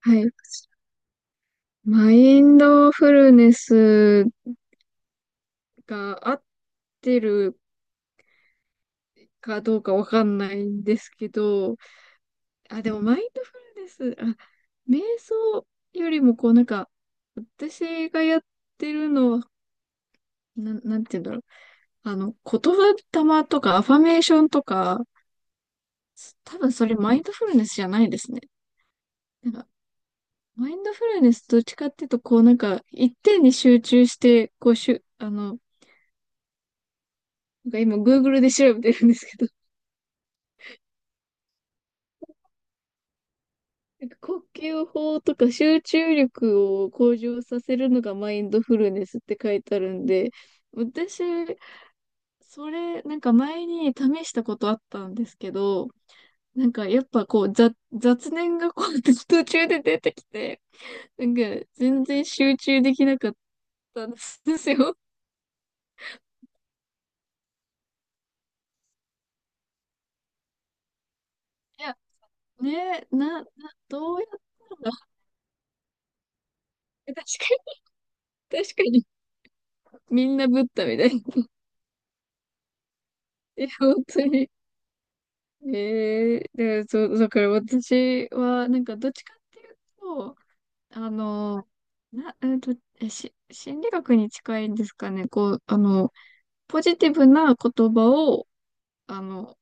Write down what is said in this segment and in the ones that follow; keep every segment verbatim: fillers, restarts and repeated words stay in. はい。マインドフルネスが合ってるかどうかわかんないんですけど、あ、でもマインドフルネス、あ、瞑想よりもこうなんか、私がやってるのは、なん、なんて言うんだろう。あの、言葉霊とかアファメーションとか、多分それマインドフルネスじゃないですね。なんか、マインドフルネスどっちかっていうと、こうなんか、一点に集中して、こうしゅ、あの、なんか今 Google で調べてるんですけど、なんか呼吸法とか集中力を向上させるのがマインドフルネスって書いてあるんで、私、それ、なんか前に試したことあったんですけど、なんかやっぱこう雑、雑念がこう 途中で出てきて、なんか全然集中できなかったんですよ。いや、ねえ、な、な、どうやったら、確かに、確かに、みんなブッダみたいな。いや、本当に。ええで、そう、だから私は、なんか、どっちかっていうと、あの、な、えっと、えし、心理学に近いんですかね。こう、あの、ポジティブな言葉を、あの、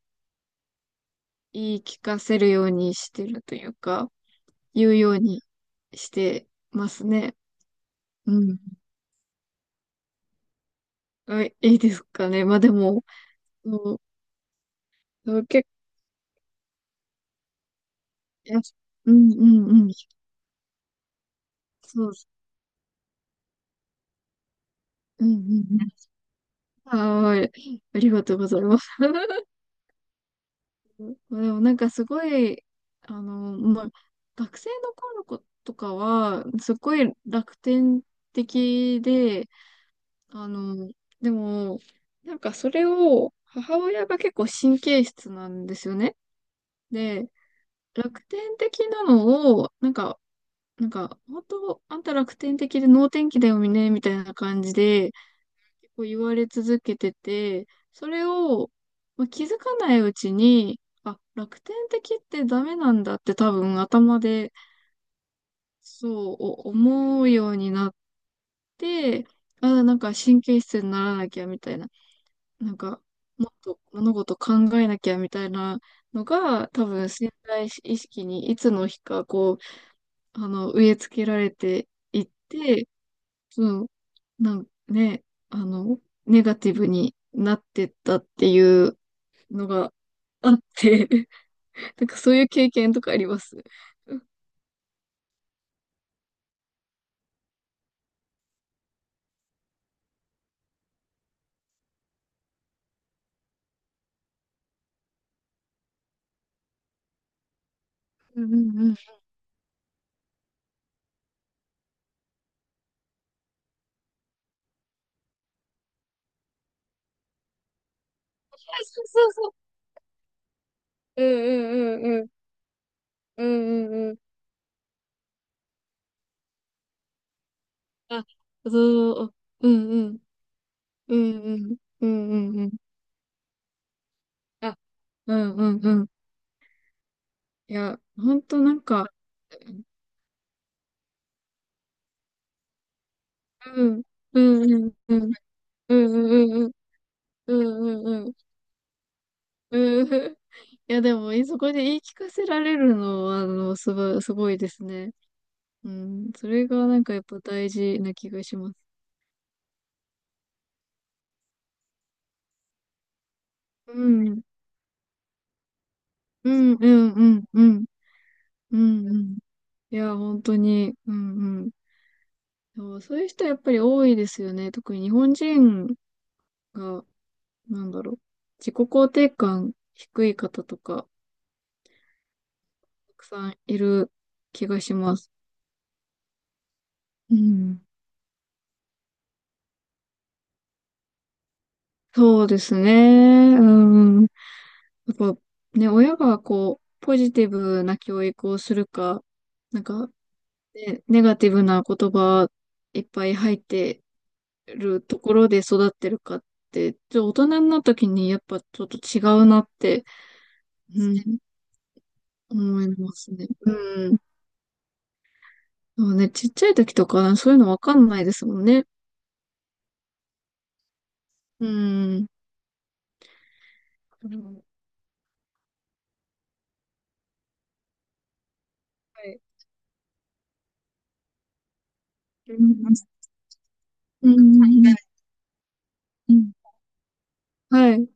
言い聞かせるようにしてるというか、言うようにしてますね。うん。あ、いいですかね。まあでも、そう、そう結構、うんうんうん。そう、うんうんうん。はーい。ありがとうございます。まあでもなんかすごい、あの、まあ、学生の頃の子とかは、すごい楽天的で、あの、でも、なんかそれを、母親が結構神経質なんですよね。で、楽天的なのを、なんか、なんか、本当、あんた楽天的で能天気だよね、みたいな感じで、こう言われ続けてて、それをまあ気づかないうちに、あ、楽天的ってダメなんだって多分頭でそうお思うようになって、あ、なんか神経質にならなきゃみたいな、なんかもっと物事考えなきゃみたいなのが多分潜在意識にいつの日かこう、あの、植え付けられていって、そう、なんね、あの、ネガティブになってったっていうのがあって、なんかそういう経験とかあります。うんうんうんうそうそうそう。うんうんうんうん。うんうんうん。あ、そう、うんうん。うんうん。うんうんうん。あ、うんうんうん。いや、ほんとなんか、うん、うんうんうん。うんうんうん。うんうんうん。うんうんうん。いや、でも、えそこで言い聞かせられるのは、あの、すごい、すごいですね。うん。それがなんかやっぱ大事な気がします。うん。うん、うん、うん、うん、うん、うん。いや、本当に、うん、うん。でもそういう人やっぱり多いですよね。特に日本人が、なんだろう、自己肯定感低い方とか、たくさんいる気がします。うん。そうですね。うん。やっぱね、親がこう、ポジティブな教育をするか、なんか、ね、ネガティブな言葉いっぱい入ってるところで育ってるかって、ちょっと大人になった時にやっぱちょっと違うなって、うん、思いますね。うん。そうね、ちっちゃい時とかそういうのわかんないですもんね。うん。それもはい。うん。うん。うん。はい。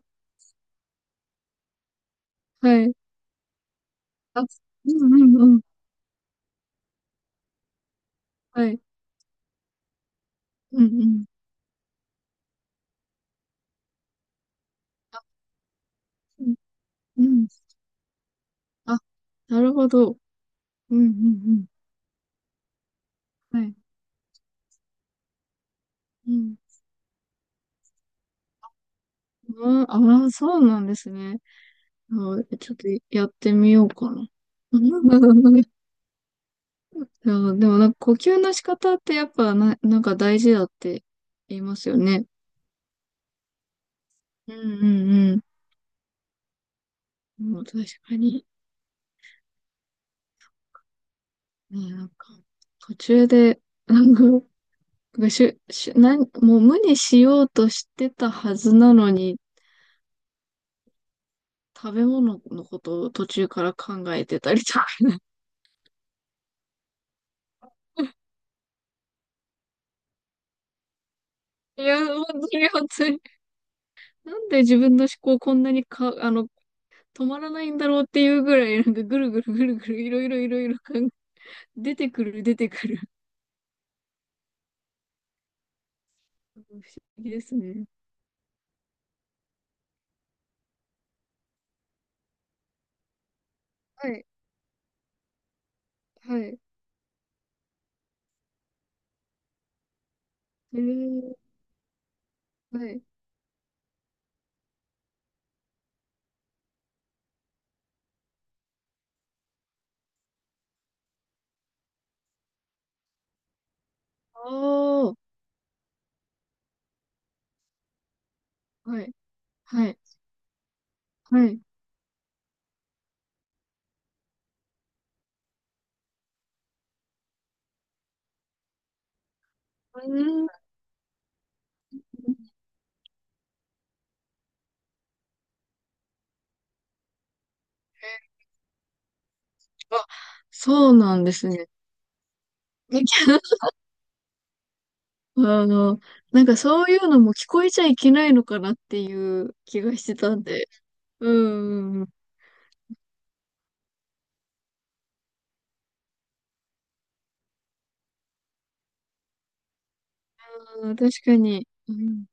はい。あ、うんうんうん。はい。うんうん。あ、うん。うん。あ、なるほど。うんうんうん。はい。うん。ああー、そうなんですね。あー、ちょっとやってみようかな。あ ーでもなんか呼吸の仕方ってやっぱな、なんか大事だって言いますよね。うんうんうん。もう確かに。ね、なんか、途中で、なんか、なんかしゅ、しゅ、なん、もう無にしようとしてたはずなのに、食べ物のことを途中から考えてたりとか。いや、もうそれは辛なんで自分の思考こんなにか、あの、止まらないんだろうっていうぐらい、なんかぐるぐるぐるぐるいろいろいろいろ考え出てくる出てくる。うん不思議ですね。はい、はい。えー、はい。ああ、はい、はい、はい。うん。あ、そうなんですね。あの、なんかそういうのも聞こえちゃいけないのかなっていう気がしてたんで。うん、うんうん、うん確かに。うん、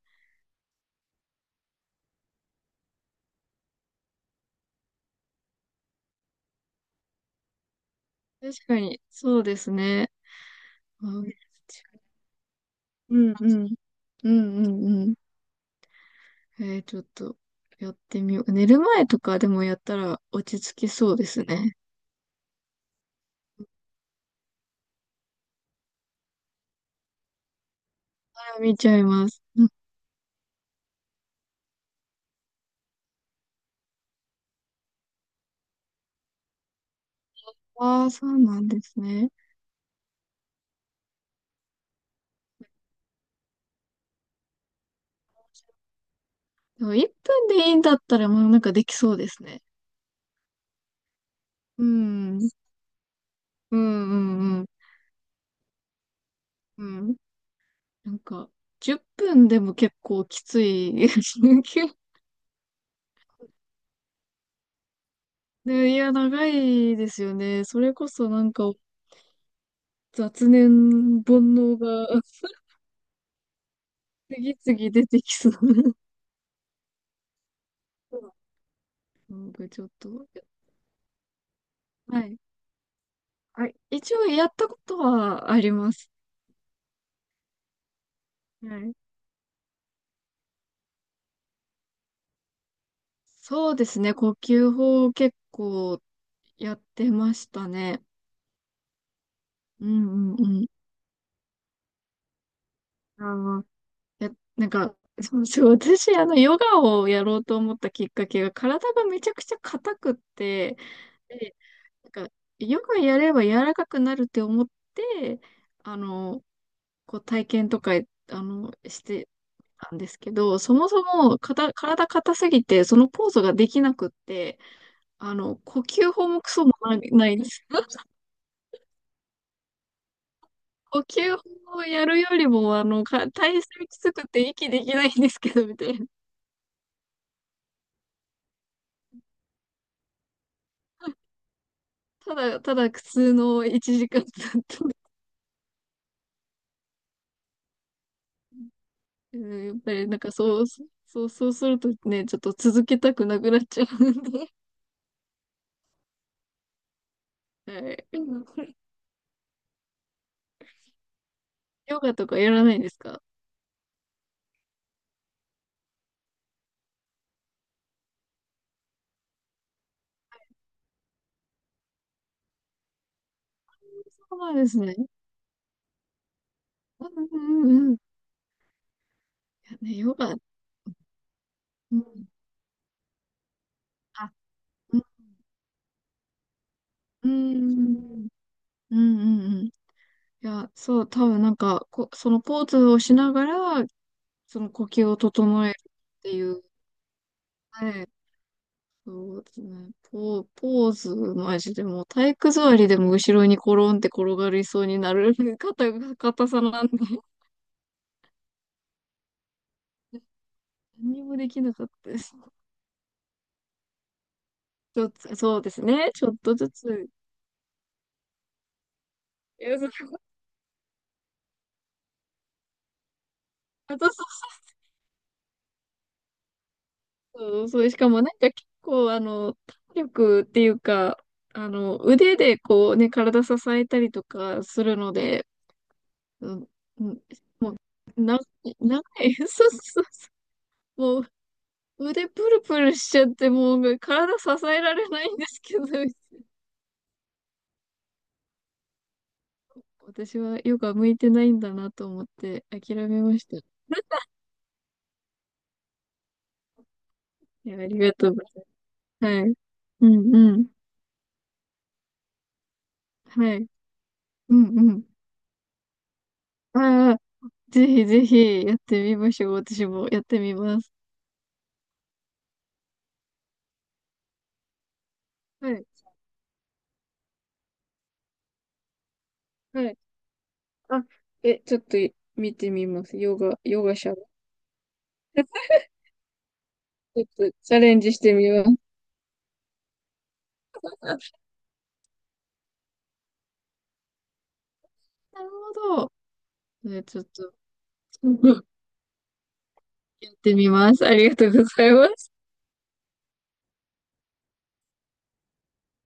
確かに、そうですね。あ、うんうん。うんうんうん。えー、ちょっとやってみよう。寝る前とかでもやったら落ち着きそうですね。あ見ちゃいます。うんああ、そうなんですね。でもいっぷんでいいんだったらもうなんかできそうですね。うん。うんうんうん。うん。なんかじゅっぷんでも結構きつい。で、いや、長いですよね。それこそなんか雑念、煩悩が 次々出てきそう。僕ちょっと、はい。あ、一応やったことはあります。はい。そうですね。呼吸法を結構やってましたね。うんうんうん。ああ、や、なんか、そうそう。私、あの、ヨガをやろうと思ったきっかけが、体がめちゃくちゃ硬くって、で、なんか、ヨガやれば柔らかくなるって思って、あの、こう体験とか、あの、して、なんですけど、そもそもかた体硬すぎて、そのポーズができなくって、あの、呼吸法もクソもない、ないです。呼吸法をやるよりも、あの、か、体勢きつくて息できないんですけど、みたいな。ただ、ただ苦痛のいちじかんだったので。うんやっぱりなんかそう、そう、そうするとね、ちょっと続けたくなくなっちゃうんで。はい。ヨガとかやらないんですか？そうなんですね。うんうんうん。いやね、ヨガ。うん。あ、うん。うんうんうんうん。いや、そう、多分なんか、こ、そのポーズをしながら、その呼吸を整えるっていう。はい。そうですね。ポ、ポーズ、マジでもう体育座りでも後ろにコロンって転がりそうになる 硬が、硬さなんで、何もできなかったです。ちょっと、そうですね。ちょっとずつ。いや、そう、そうそうそう、しかもなんか結構、あの、体力っていうか、あの、腕でこうね、体支えたりとかするので、うん、うん、な、長い。そうそうそう。もう腕プルプルしちゃって、もうね体支えられないんですけど、私はヨガ向いてないんだなと思って諦めました。いや、ありがとうございます。はい。うんうん。はい。うんうん。ああ、ぜひぜひやってみましょう。私もやってみます。はい。はい。あ、え、ちょっと見てみます。ヨガ、ヨガシャドウ。ちょっとチャレンジしてみます。なるほど。ね、ちょっと。やってみます。ありがとうございます。